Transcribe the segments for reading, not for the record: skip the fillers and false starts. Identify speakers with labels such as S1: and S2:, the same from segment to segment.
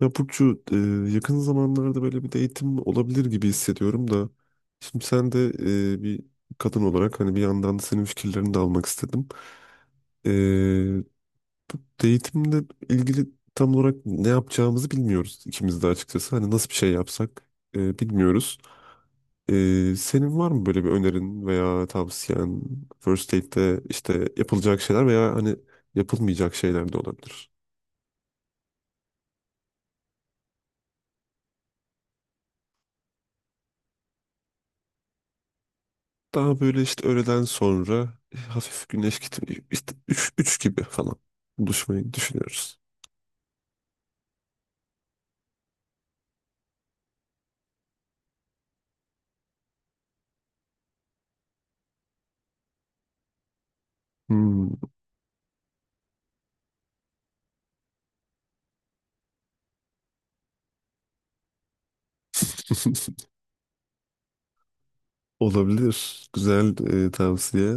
S1: Ya Burcu yakın zamanlarda böyle bir de eğitim olabilir gibi hissediyorum da şimdi sen de bir kadın olarak hani bir yandan da senin fikirlerini de almak istedim. E, Bu eğitimle ilgili tam olarak ne yapacağımızı bilmiyoruz ikimiz de açıkçası. Hani nasıl bir şey yapsak bilmiyoruz. Senin var mı böyle bir önerin veya tavsiyen First Aid'de işte yapılacak şeyler veya hani yapılmayacak şeyler de olabilir. Daha böyle işte öğleden sonra hafif güneş gitmiyor. İşte üç gibi falan buluşmayı düşünüyoruz. Hmm. Olabilir. Güzel tavsiye.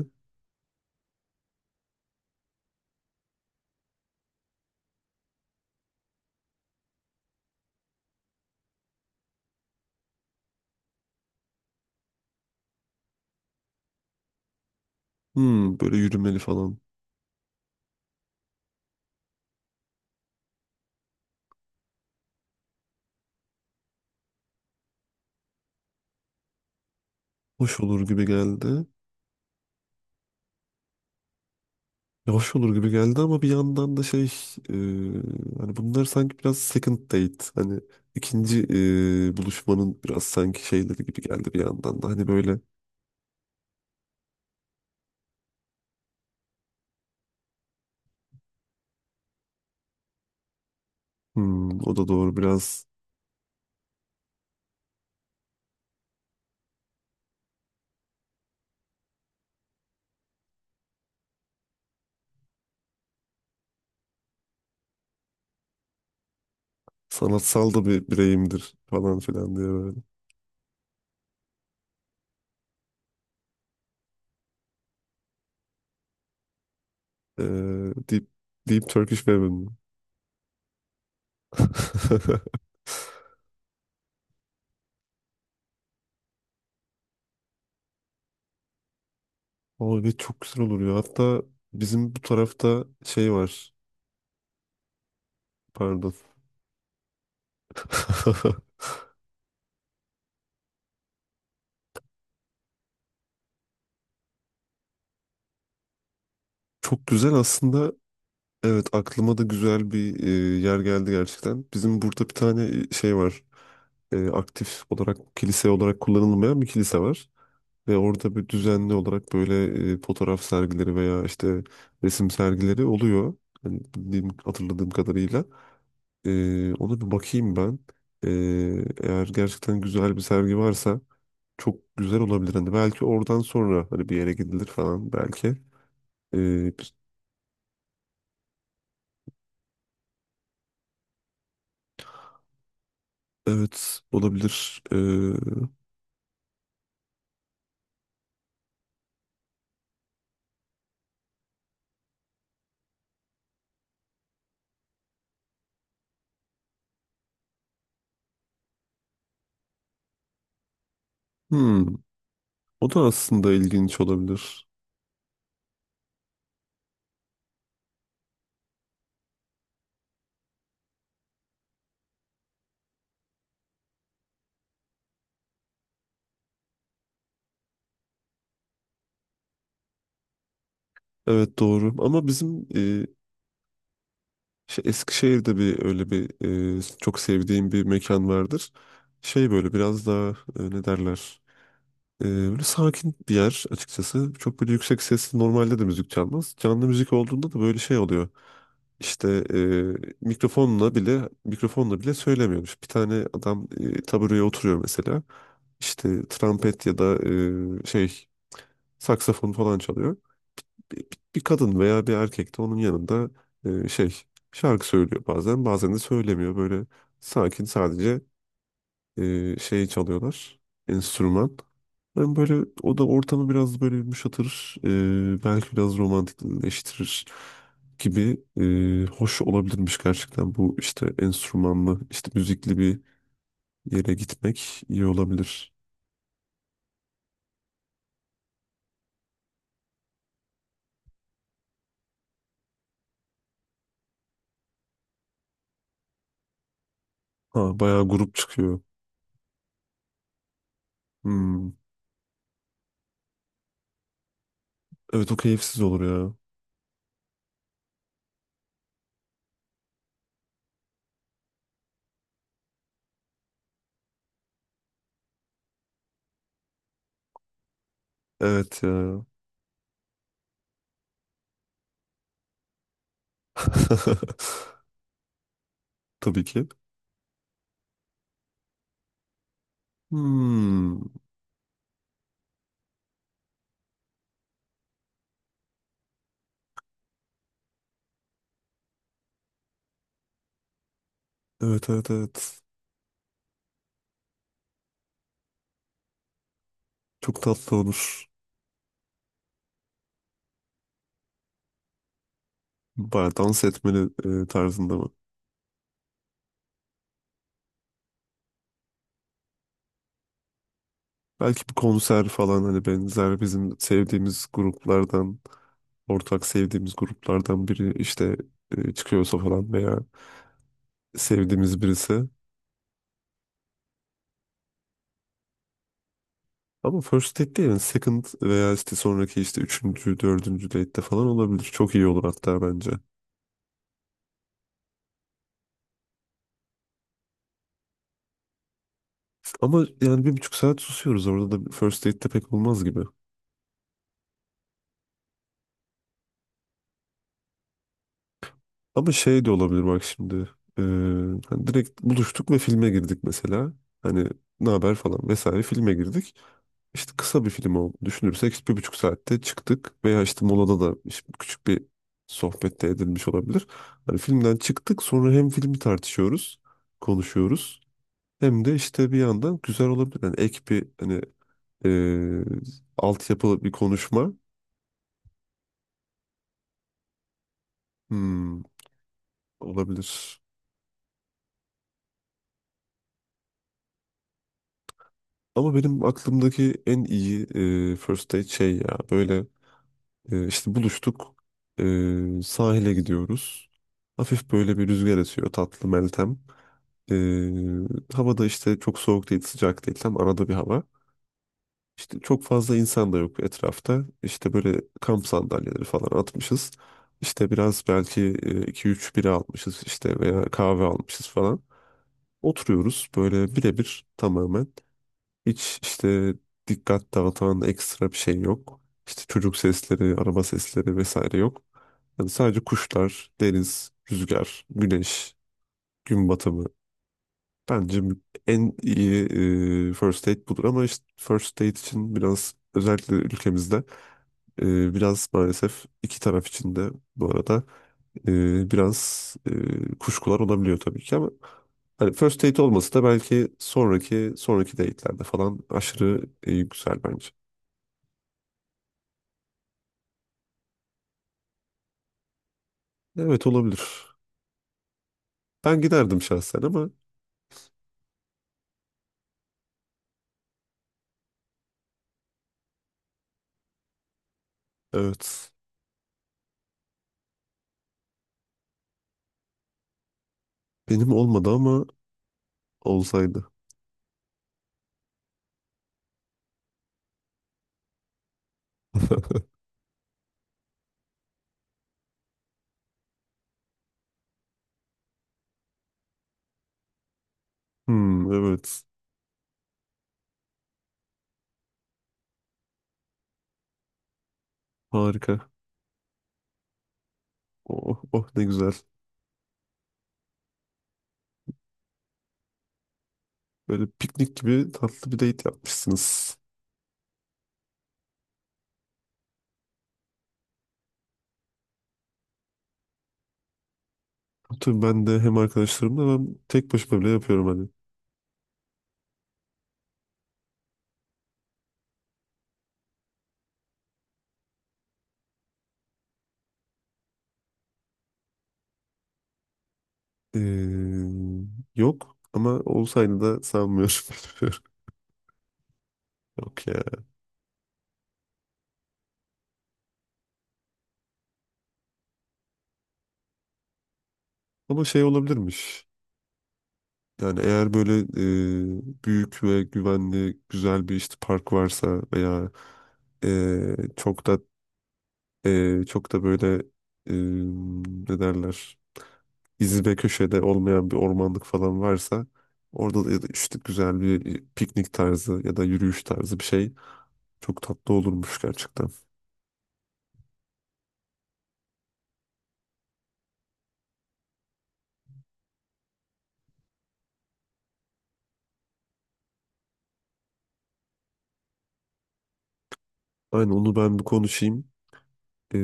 S1: Hmm, böyle yürümeli falan. Hoş olur gibi geldi. Ya hoş olur gibi geldi ama bir yandan da e, hani bunlar sanki biraz second date. Hani ikinci buluşmanın biraz sanki şeyleri gibi geldi bir yandan da. Hani böyle hmm, o da doğru biraz sanatsal da bir bireyimdir falan filan diye Ee, Deep, Deep Turkish Weapon mı? Abi evet, çok güzel olur ya. Hatta bizim bu tarafta şey var. Pardon. Çok güzel aslında. Evet aklıma da güzel bir yer geldi gerçekten. Bizim burada bir tane şey var. Aktif olarak kilise olarak kullanılmayan bir kilise var. Ve orada bir düzenli olarak böyle fotoğraf sergileri veya işte resim sergileri oluyor. Hani bildiğim, hatırladığım kadarıyla. Ona bir bakayım ben. Eğer gerçekten güzel bir sergi varsa çok güzel olabilir. Hani belki oradan sonra hani bir yere gidilir falan belki. Ee, bir- evet olabilir. Hmm, o da aslında ilginç olabilir. Evet doğru ama bizim Eskişehir'de bir öyle bir çok sevdiğim bir mekan vardır. Şey böyle biraz daha ne derler? Böyle sakin bir yer açıkçası. Çok böyle yüksek sesli normalde de müzik çalmaz. Canlı müzik olduğunda da böyle şey oluyor. İşte mikrofonla bile söylemiyormuş. Bir tane adam tabureye oturuyor mesela. İşte trompet ya da e, şey saksafon falan çalıyor. Bir, bir kadın veya bir erkek de onun yanında e, şey şarkı söylüyor bazen bazen de söylemiyor. Böyle sakin sadece çalıyorlar. Enstrüman. Ben böyle o da ortamı biraz böyle yumuşatır. Belki biraz romantikleştirir gibi hoş olabilirmiş gerçekten bu işte enstrümanlı işte müzikli bir yere gitmek iyi olabilir. Ha bayağı grup çıkıyor. Hmm. Evet o keyifsiz olur ya. Evet ya. Tabii ki. Hmm. Evet evet evet. Çok tatlı olur. Bayağı dans etmeli tarzında mı? Belki bir konser falan hani benzer bizim sevdiğimiz gruplardan, ortak sevdiğimiz gruplardan biri işte çıkıyorsa falan veya sevdiğimiz birisi. Ama first date değil yani second veya işte sonraki işte üçüncü, dördüncü date'te falan olabilir. Çok iyi olur hatta bence. Ama yani bir buçuk saat susuyoruz orada da first date'te pek olmaz gibi. Ama şey de olabilir bak şimdi. e, Hani direkt buluştuk ve filme girdik mesela. Hani ne haber falan vesaire filme girdik. İşte kısa bir film olduğunu düşünürsek işte bir buçuk saatte çıktık veya işte molada da işte küçük bir sohbette edilmiş olabilir. Hani filmden çıktık sonra hem filmi tartışıyoruz, konuşuyoruz hem de işte bir yandan güzel olabilir. Yani ek bir hani eee altyapılı bir konuşma hmm, olabilir. Ama benim aklımdaki en iyi first date şey ya böyle işte buluştuk sahile gidiyoruz. Hafif böyle bir rüzgar esiyor tatlı Meltem. Ee, Havada işte çok soğuk değil, sıcak değil. Tam arada bir hava. İşte çok fazla insan da yok etrafta. İşte böyle kamp sandalyeleri falan atmışız. İşte biraz belki iki üç bira almışız işte veya kahve almışız falan. Oturuyoruz böyle birebir tamamen. Hiç işte dikkat dağıtan ekstra bir şey yok. İşte çocuk sesleri, araba sesleri vesaire yok. Yani sadece kuşlar, deniz, rüzgar, güneş, gün batımı. Bence en iyi first aid budur ama işte first aid için biraz özellikle ülkemizde biraz maalesef iki taraf için de bu arada kuşkular olabiliyor tabii ki ama hani first aid olması da belki sonraki date'lerde falan aşırı güzel bence. Evet olabilir. Ben giderdim şahsen ama evet benim olmadı ama olsaydı. Hmm, evet harika. Oh, oh ne güzel. Böyle piknik gibi tatlı bir date yapmışsınız. Tabii ben de hem arkadaşlarımla ben tek başıma bile yapıyorum hani. Ee, Yok ama olsaydı da sanmıyorum. Yok ya. Ama şey olabilirmiş. Yani eğer böyle büyük ve güvenli güzel bir işte park varsa veya e, çok da çok da böyle e, ne derler iz ve köşede olmayan bir ormanlık falan varsa orada da ya da işte güzel bir piknik tarzı ya da yürüyüş tarzı bir şey çok tatlı olurmuş gerçekten. Aynen onu ben bir konuşayım. Ee,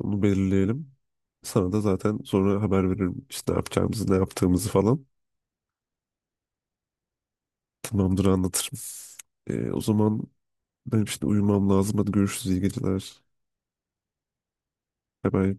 S1: Onu belirleyelim. Sana da zaten sonra haber veririm işte ne yapacağımızı, ne yaptığımızı falan. Tamamdır anlatırım. O zaman benim şimdi uyumam lazım. Hadi görüşürüz. İyi geceler. Bay bay.